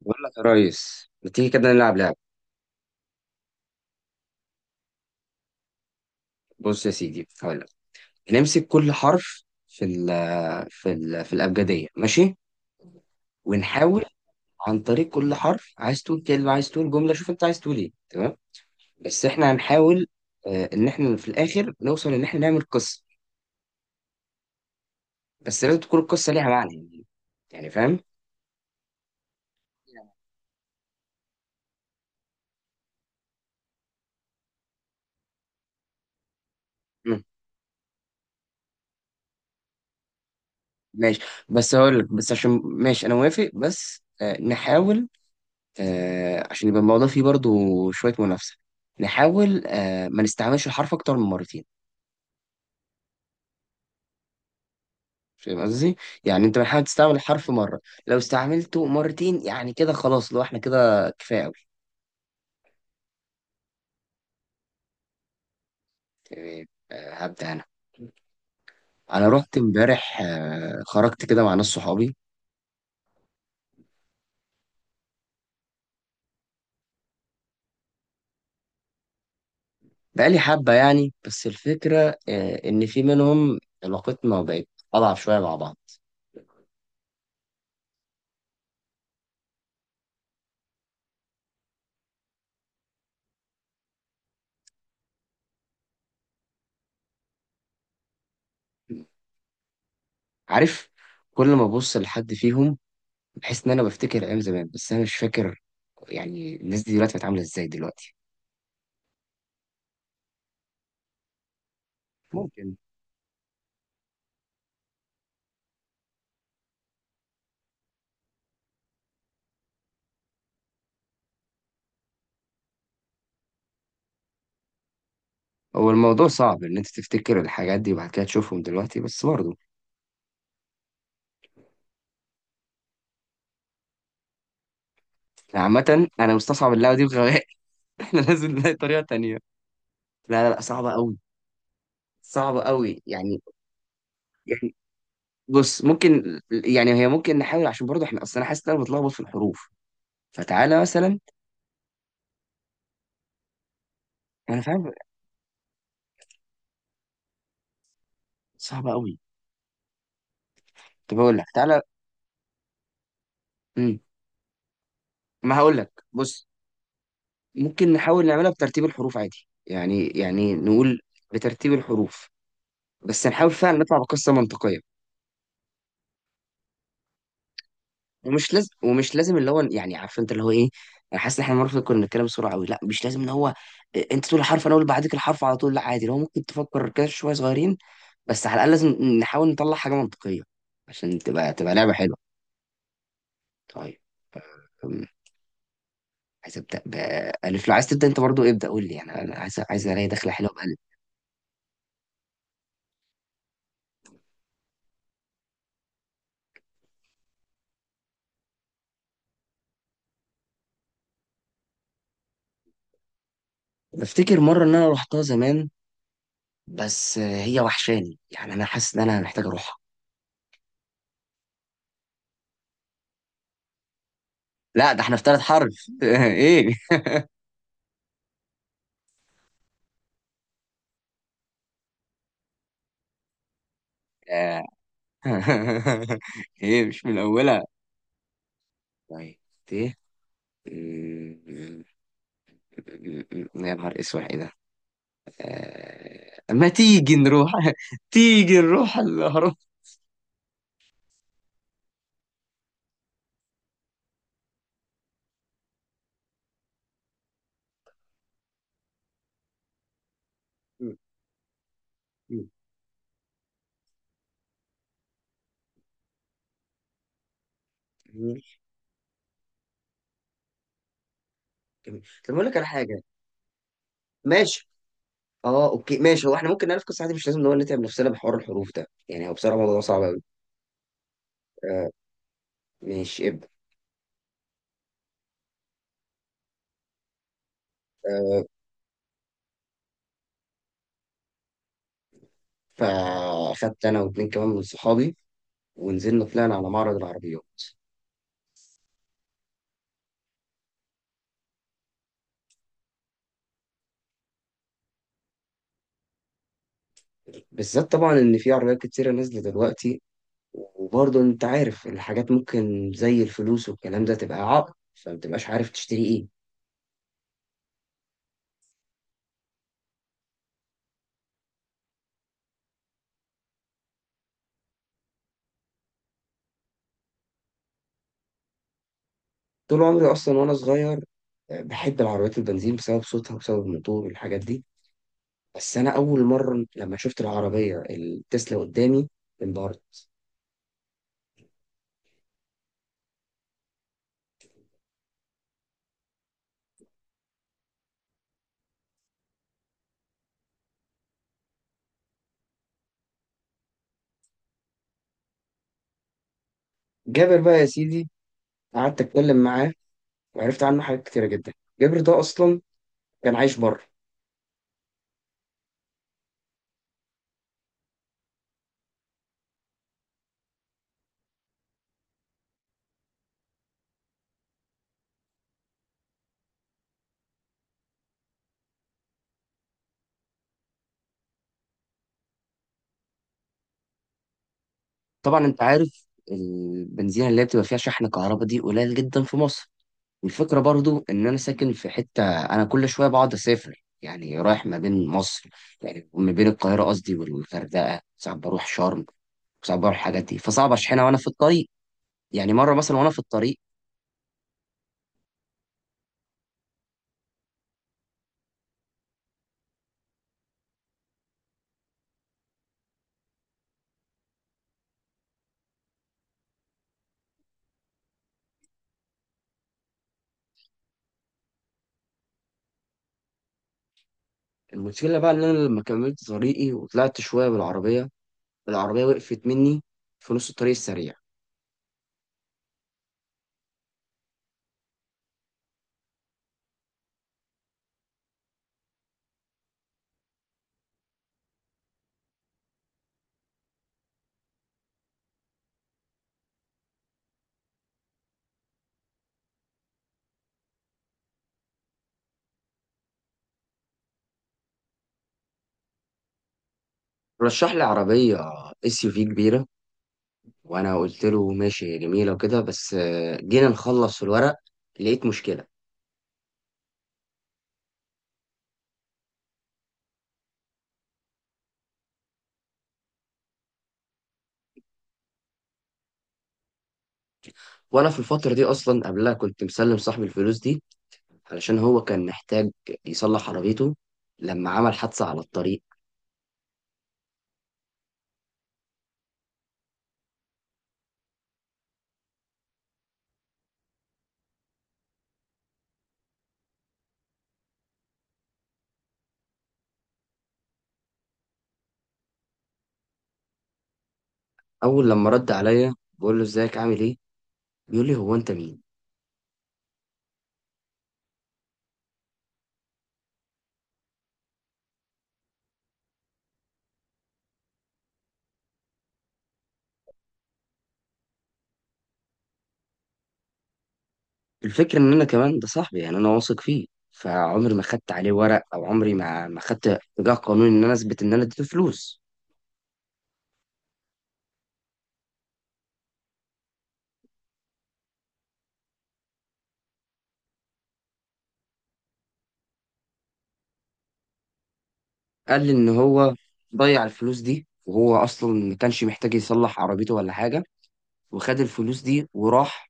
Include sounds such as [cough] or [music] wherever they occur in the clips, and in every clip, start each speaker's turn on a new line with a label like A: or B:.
A: بقول لك يا ريس ما تيجي كده نلعب لعبة. بص يا سيدي هقول لك، نمسك كل حرف في ال في الأبجدية ماشي، ونحاول عن طريق كل حرف. عايز تقول كلمة، عايز تقول جملة، شوف أنت عايز تقول إيه. تمام. بس إحنا هنحاول، إن إحنا في الآخر نوصل إن إحنا نعمل قصة. بس لازم تكون القصة ليها معنى. يعني فاهم؟ مم. ماشي. بس هقول لك، بس عشان ماشي، أنا موافق. بس نحاول عشان يبقى الموضوع فيه برضو شوية منافسة. نحاول ما نستعملش الحرف أكتر من مرتين. فاهم قصدي؟ يعني أنت بنحاول تستعمل الحرف مرة، لو استعملته مرتين يعني كده خلاص. لو إحنا كده كفاية أوي. تمام. هبدأ أنا. أنا رحت إمبارح، خرجت كده مع ناس صحابي بقالي حبة يعني. بس الفكرة إن في منهم علاقتنا بقت أضعف شوية مع بعض. عارف، كل ما أبص لحد فيهم بحيث ان انا بفتكر ايام زمان، بس انا مش فاكر يعني الناس دي دلوقتي بتعامل ازاي دلوقتي. ممكن. هو الموضوع صعب ان انت تفتكر الحاجات دي وبعد كده تشوفهم دلوقتي، بس برضه يعني عامة انا مستصعب اللعبة دي بغباء. [laughs] احنا لازم نلاقي طريقة تانية. لا لا لا، صعبة قوي. صعبة قوي يعني بص، ممكن يعني هي ممكن نحاول عشان برضه احنا اصل انا حاسس ان انا بتلخبط في الحروف. فتعالى مثلا. انا فاهم. صعبة قوي. طب اقول لك، تعالى. امم ما هقول لك، بص، ممكن نحاول نعملها بترتيب الحروف عادي يعني نقول بترتيب الحروف، بس نحاول فعلا نطلع بقصة منطقية. ومش لازم اللي هو يعني، عارف انت اللي هو ايه. انا حاسس ان احنا المره كنا بنتكلم بسرعه قوي، لا مش لازم ان هو إيه، انت تقول الحرف انا اقول بعديك الحرف على طول. لا عادي، لو ممكن تفكر كده شويه صغيرين. بس على الاقل لازم نحاول نطلع حاجه منطقيه عشان تبقى لعبه حلوه. طيب. أم، عايز ابدا بالف. لو عايز تبدا انت برضو ابدا قول لي. يعني انا عايز الاقي دخله حلوه بالف. بفتكر مره ان انا رحتها زمان، بس هي وحشاني يعني انا حاسس ان انا محتاج اروحها. لا، ده احنا في ثالث حرف. [laughs] ايه. آه. [laughs] ايه، مش من اولها. طيب. ايه. [laughs] م- يا نهار اسود، ايه ده؟ ما تيجي نروح [laughs] تيجي نروح الاهرام. م- م- م- جميل. طب اقول لك على حاجه. ماشي. اه اوكي ماشي، هو احنا ممكن نعرف قصه عادي، مش لازم نقول نتعب نفسنا بحوار الحروف ده يعني. هو بصراحه الموضوع صعب قوي. آه ماشي، ابدا. آه، فاخدت انا واتنين كمان من صحابي ونزلنا طلعنا على معرض العربيات، بالذات طبعا ان في عربيات كتيره نازله دلوقتي. وبرضه انت عارف الحاجات ممكن زي الفلوس والكلام ده تبقى عائق فمتبقاش عارف تشتري ايه. طول عمري اصلا وانا صغير بحب العربيات البنزين بسبب صوتها وبسبب الموتور والحاجات دي. بس انا اول مره لما شفت العربيه التسلا قدامي انبهرت. جابر بقى يا سيدي، قعدت اتكلم معاه وعرفت عنه حاجات كتيره جدا. جابر ده اصلا كان عايش بره. طبعا انت عارف البنزينة اللي هي بتبقى فيها شحن كهرباء دي قليل جدا في مصر، والفكرة برضو ان انا ساكن في حتة انا كل شوية بقعد اسافر يعني رايح ما بين مصر، يعني ما بين القاهرة قصدي والغردقة. ساعات بروح شرم، وساعات بروح الحاجات دي. فصعب اشحنها وانا في الطريق. يعني مرة مثلا وانا في الطريق، المشكلة بقى ان انا لما كملت طريقي وطلعت شوية بالعربية، العربية وقفت مني في نص الطريق السريع. رشح لي عربية SUV كبيرة، وانا قلت له ماشي جميله وكده. بس جينا نخلص الورق لقيت مشكله. وانا في الفتره دي اصلا قبلها كنت مسلم صاحبي الفلوس دي علشان هو كان محتاج يصلح عربيته لما عمل حادثه على الطريق. اول لما رد عليا بقول له ازيك عامل ايه، بيقول لي هو انت مين. الفكره ان انا كمان ده صاحبي يعني انا واثق فيه، فعمري ما خدت عليه ورق، او عمري ما خدت اتجاه قانوني ان انا اثبت ان انا اديته فلوس. قال لي ان هو ضيع الفلوس دي، وهو اصلا ما كانش محتاج يصلح عربيته ولا حاجه، وخد الفلوس دي وراح.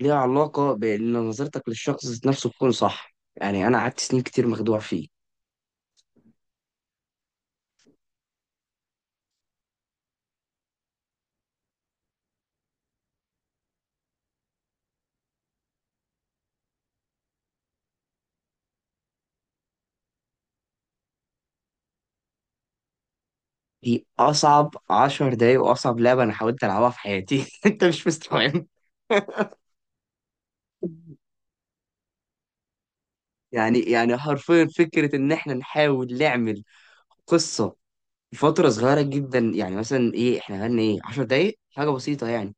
A: ليها علاقة بإن نظرتك للشخص ذات نفسه تكون صح، يعني أنا قعدت سنين كتير مخدوع فيه. دي أصعب 10 دقايق وأصعب لعبة أنا حاولت ألعبها في حياتي. [laughs] أنت مش مستوعب. [laughs] يعني حرفيا فكرة إن إحنا نحاول نعمل قصة فترة صغيرة جدا، يعني مثلا إيه إحنا غنى إيه، 10 دقايق حاجة بسيطة يعني.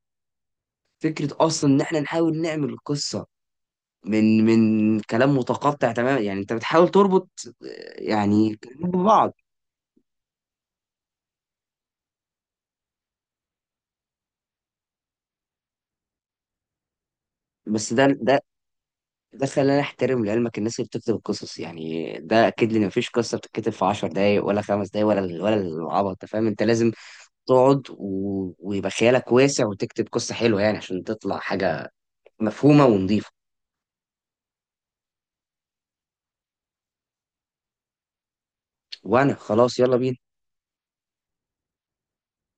A: فكرة أصلا إن إحنا نحاول نعمل قصة من كلام متقطع تماما، يعني أنت بتحاول تربط يعني كلمات ببعض. بس ده خلاني احترم لعلمك الناس اللي بتكتب القصص. يعني ده اكيد لي ان مفيش قصه بتتكتب في 10 دقايق ولا 5 دقايق ولا العبط. انت فاهم، انت لازم تقعد و... ويبقى خيالك واسع وتكتب قصه حلوه يعني، عشان تطلع حاجه مفهومه ونظيفه. وانا خلاص يلا بينا.